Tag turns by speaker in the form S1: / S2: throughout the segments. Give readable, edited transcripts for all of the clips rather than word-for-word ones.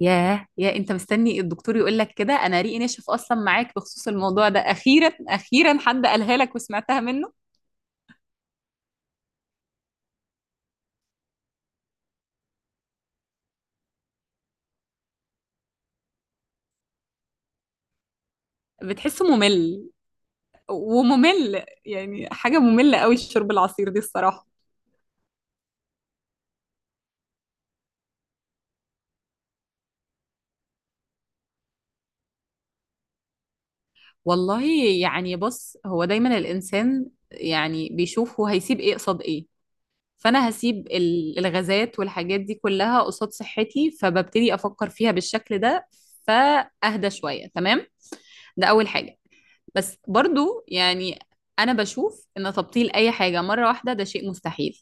S1: ياه، يا انت مستني الدكتور يقول لك كده؟ انا ريقي ناشف اصلا معاك بخصوص الموضوع ده. اخيرا اخيرا حد قالها لك وسمعتها منه. بتحسه ممل وممل، يعني حاجه ممله قوي الشرب العصير دي الصراحه. والله يعني بص، هو دايما الانسان يعني بيشوف هو هيسيب ايه قصاد ايه. فانا هسيب الغازات والحاجات دي كلها قصاد صحتي، فببتدي افكر فيها بالشكل ده، فاهدى شويه تمام. ده اول حاجه. بس برضو يعني انا بشوف ان تبطيل اي حاجه مره واحده ده شيء مستحيل.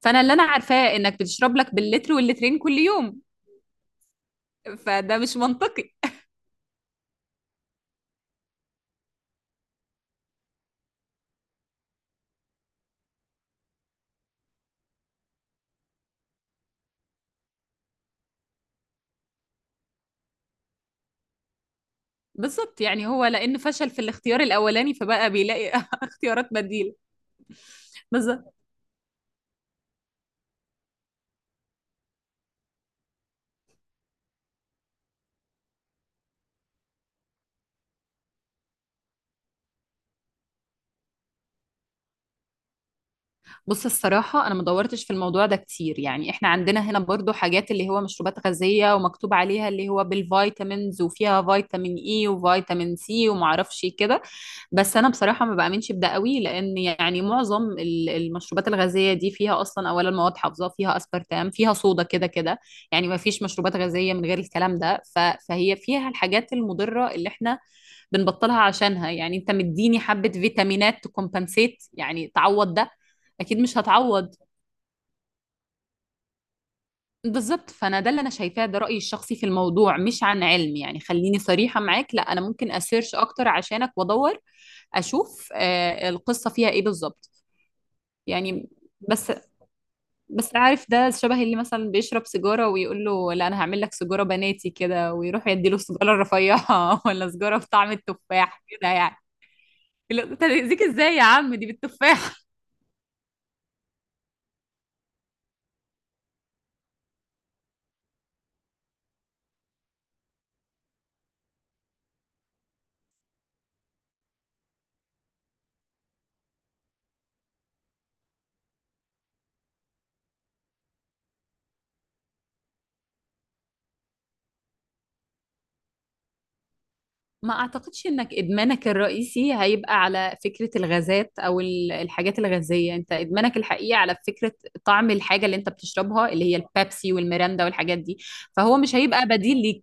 S1: فانا اللي انا عارفاه انك بتشرب لك باللتر واللترين كل يوم، فده مش منطقي. بالظبط، يعني هو لانه فشل في الاختيار الاولاني فبقى بيلاقي اختيارات بديله. بالظبط. بص الصراحه انا ما دورتش في الموضوع ده كتير. يعني احنا عندنا هنا برضو حاجات اللي هو مشروبات غازيه ومكتوب عليها اللي هو بالفيتامينز، وفيها فيتامين اي وفيتامين سي ومعرفش كده. بس انا بصراحه ما بامنش بده قوي، لان يعني معظم المشروبات الغازيه دي فيها اصلا اولا مواد حافظه، فيها اسبرتام، فيها صودا، كده كده. يعني ما فيش مشروبات غازيه من غير الكلام ده. فهي فيها الحاجات المضره اللي احنا بنبطلها عشانها. يعني انت مديني حبه فيتامينات تكمبنسيت يعني تعوض ده؟ اكيد مش هتعوض. بالضبط، فانا ده اللي انا شايفاه، ده رايي الشخصي في الموضوع مش عن علم. يعني خليني صريحه معاك، لا، انا ممكن اسيرش اكتر عشانك وادور، اشوف آه القصه فيها ايه بالظبط. يعني بس، عارف، ده شبه اللي مثلا بيشرب سيجاره ويقول له لا، انا هعمل لك سيجاره بناتي كده، ويروح يدي له السيجاره الرفيعه ولا سيجاره بطعم التفاح كده يعني. لا، انت هتأذيك ازاي يا عم؟ دي بالتفاح. ما اعتقدش انك ادمانك الرئيسي هيبقى على فكرة الغازات او الحاجات الغازية، انت ادمانك الحقيقي على فكرة طعم الحاجة اللي انت بتشربها، اللي هي البيبسي والميرندا والحاجات دي. فهو مش هيبقى بديل ليك.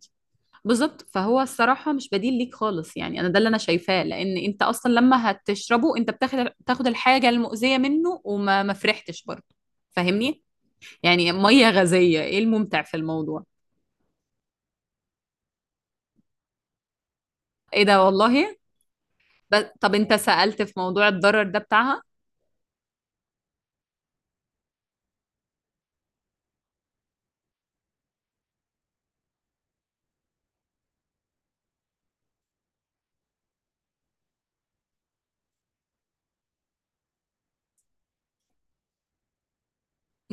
S1: بالظبط، فهو الصراحة مش بديل ليك خالص. يعني انا ده اللي انا شايفاه، لان انت اصلا لما هتشربه انت بتاخد الحاجة المؤذية منه، وما ما فرحتش برضه. فاهمني؟ يعني مية غازية، ايه الممتع في الموضوع؟ ايه ده والله. ب... طب انت سألت في موضوع الضرر ده بتاعها؟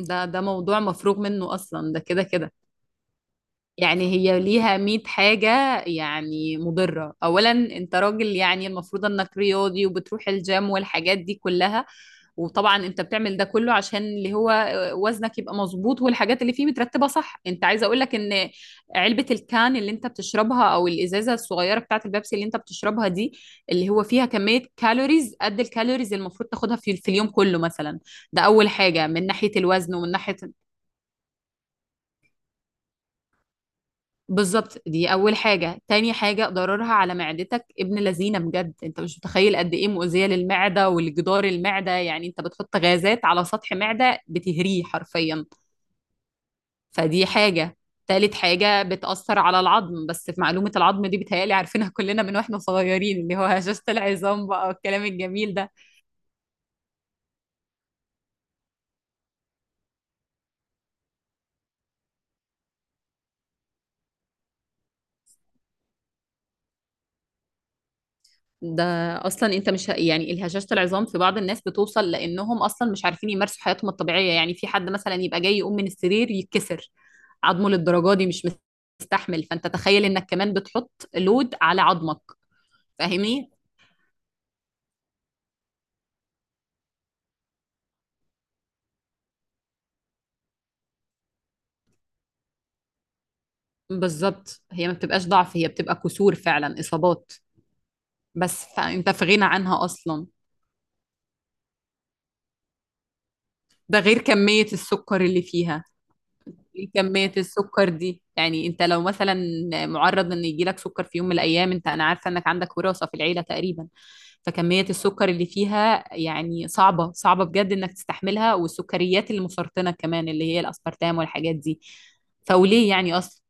S1: ده موضوع مفروغ منه اصلا، ده كده كده. يعني هي ليها 100 حاجة يعني مضرة. اولا انت راجل، يعني المفروض انك رياضي وبتروح الجيم والحاجات دي كلها، وطبعا انت بتعمل ده كله عشان اللي هو وزنك يبقى مظبوط، والحاجات اللي فيه مترتبة صح. انت عايزة اقول لك ان علبة الكان اللي انت بتشربها او الازازة الصغيرة بتاعت البيبسي اللي انت بتشربها دي، اللي هو فيها كمية كالوريز قد الكالوريز اللي المفروض تاخدها في اليوم كله مثلا. ده أول حاجة من ناحية الوزن. ومن ناحية بالظبط دي اول حاجه. تاني حاجه، ضررها على معدتك ابن لذينه بجد، انت مش متخيل قد ايه مؤذيه للمعده والجدار المعده. يعني انت بتحط غازات على سطح معده، بتهريه حرفيا. فدي حاجه. تالت حاجه، بتاثر على العظم. بس في معلومه العظم دي بتهيالي عارفينها كلنا من واحنا صغيرين، اللي هو هشاشه العظام بقى والكلام الجميل ده. ده اصلا انت مش ه- يعني الهشاشه العظام في بعض الناس بتوصل لانهم اصلا مش عارفين يمارسوا حياتهم الطبيعيه. يعني في حد مثلا يبقى جاي يقوم من السرير يتكسر عظمه للدرجه دي؟ مش مستحمل. فانت تخيل انك كمان بتحط لود على عظمك. فاهمني؟ بالظبط، هي ما بتبقاش ضعف، هي بتبقى كسور فعلا، اصابات. بس فانت في غنى عنها اصلا. ده غير كميه السكر اللي فيها. كمية السكر دي يعني انت لو مثلا معرض ان يجيلك سكر في يوم من الايام، انت انا عارفة انك عندك وراثة في العيلة تقريبا. فكمية السكر اللي فيها يعني صعبة صعبة بجد انك تستحملها، والسكريات المسرطنة كمان اللي هي الاسبرتام والحاجات دي. فوليه يعني اصلا؟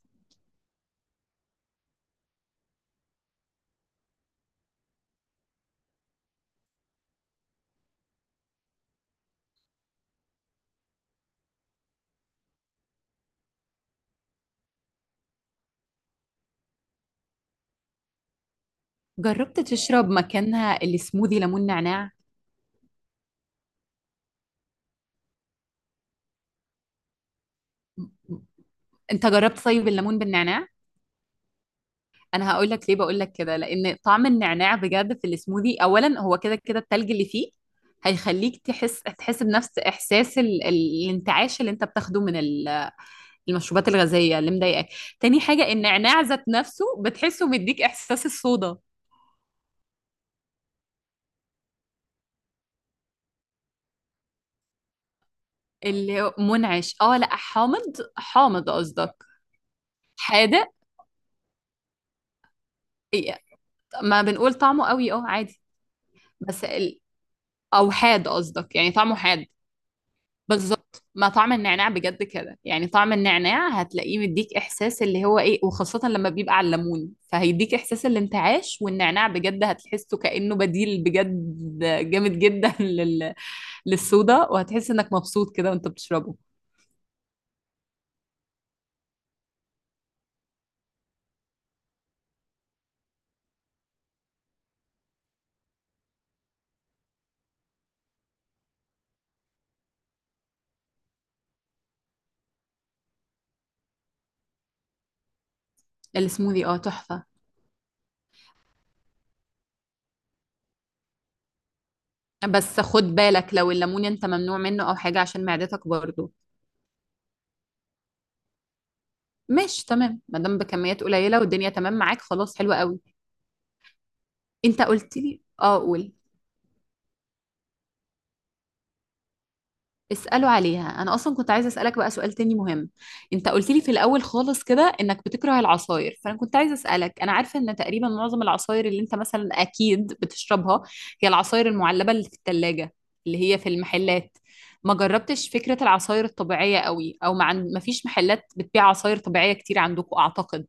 S1: جربت تشرب مكانها السموذي ليمون نعناع؟ انت جربت طيب الليمون بالنعناع؟ انا هقول لك ليه بقول لك كده، لان طعم النعناع بجد في السموذي اولا هو كده كده التلج اللي فيه هيخليك تحس بنفس احساس الانتعاش اللي انت بتاخده من المشروبات الغازيه اللي مضايقاك. تاني حاجه، النعناع ذات نفسه بتحسه مديك احساس الصودا اللي هو منعش. اه لا، حامض. حامض قصدك؟ حادق. إيه، ما بنقول طعمه قوي اه عادي. بس ال... او حاد قصدك؟ يعني طعمه حاد. بالظبط. ما طعم النعناع بجد كده، يعني طعم النعناع هتلاقيه مديك احساس اللي هو ايه، وخاصة لما بيبقى على الليمون فهيديك احساس الانتعاش، والنعناع بجد هتحسه كأنه بديل بجد، جامد جدا للصودا، وهتحس انك مبسوط كده وانت بتشربه. السموذي اه تحفة. بس خد بالك لو الليمون انت ممنوع منه او حاجة عشان معدتك برضه. ماشي تمام، ما دام بكميات قليلة والدنيا تمام معاك، خلاص حلوة قوي. انت قلت لي اه، قول. اسألوا عليها، انا اصلا كنت عايزة اسألك بقى سؤال تاني مهم. انت قلت لي في الاول خالص كده انك بتكره العصاير، فانا كنت عايزة اسألك، انا عارفة ان تقريبا معظم العصاير اللي انت مثلا اكيد بتشربها هي العصاير المعلبة اللي في التلاجة، اللي هي في المحلات. ما جربتش فكرة العصاير الطبيعية قوي؟ او ما فيش محلات بتبيع عصاير طبيعية كتير عندكم اعتقد.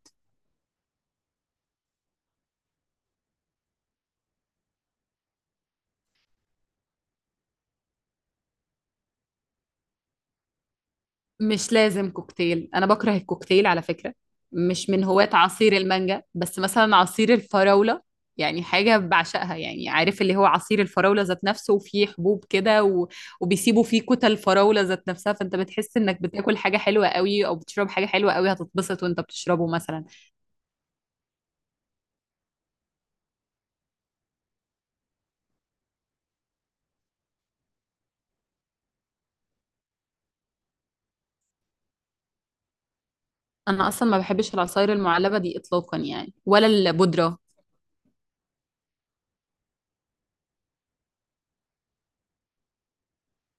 S1: مش لازم كوكتيل، انا بكره الكوكتيل على فكرة. مش من هواة عصير المانجا، بس مثلا عصير الفراولة يعني حاجة بعشقها. يعني عارف اللي هو عصير الفراولة ذات نفسه وفيه حبوب كده و... وبيسيبوا فيه كتل الفراولة ذات نفسها، فانت بتحس انك بتاكل حاجة حلوة قوي او بتشرب حاجة حلوة قوي، هتتبسط وانت بتشربه مثلا. انا اصلا ما بحبش العصاير المعلبة دي اطلاقا يعني، ولا البودرة.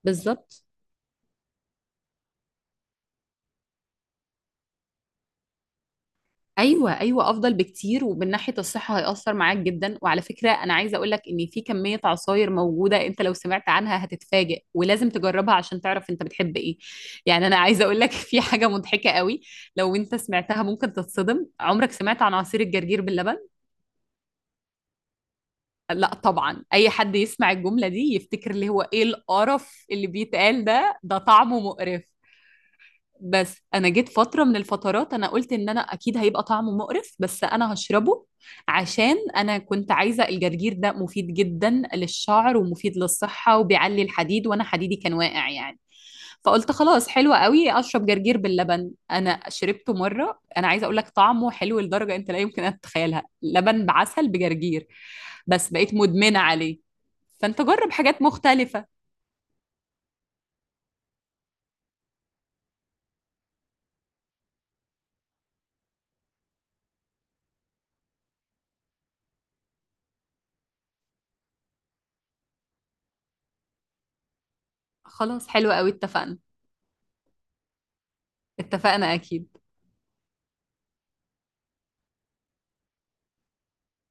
S1: بالظبط. ايوه ايوه، افضل بكتير، ومن ناحيه الصحه هيأثر معاك جدا. وعلى فكره انا عايزه اقول لك ان في كميه عصاير موجوده، انت لو سمعت عنها هتتفاجئ، ولازم تجربها عشان تعرف انت بتحب ايه. يعني انا عايزه اقول لك في حاجه مضحكه قوي، لو انت سمعتها ممكن تتصدم. عمرك سمعت عن عصير الجرجير باللبن؟ لا طبعا، اي حد يسمع الجمله دي يفتكر اللي هو ايه القرف اللي بيتقال ده، ده طعمه مقرف. بس انا جيت فتره من الفترات انا قلت ان انا اكيد هيبقى طعمه مقرف بس انا هشربه، عشان انا كنت عايزه، الجرجير ده مفيد جدا للشعر ومفيد للصحه وبيعلي الحديد، وانا حديدي كان واقع يعني. فقلت خلاص حلوة قوي اشرب جرجير باللبن. انا شربته مره، انا عايزه اقول لك طعمه حلو لدرجه انت لا يمكن ان تتخيلها، لبن بعسل بجرجير. بس بقيت مدمنه عليه. فانت جرب حاجات مختلفه. خلاص حلوة قوي، اتفقنا. اتفقنا اكيد.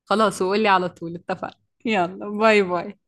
S1: خلاص، وقولي على طول اتفقنا. يلا، باي باي.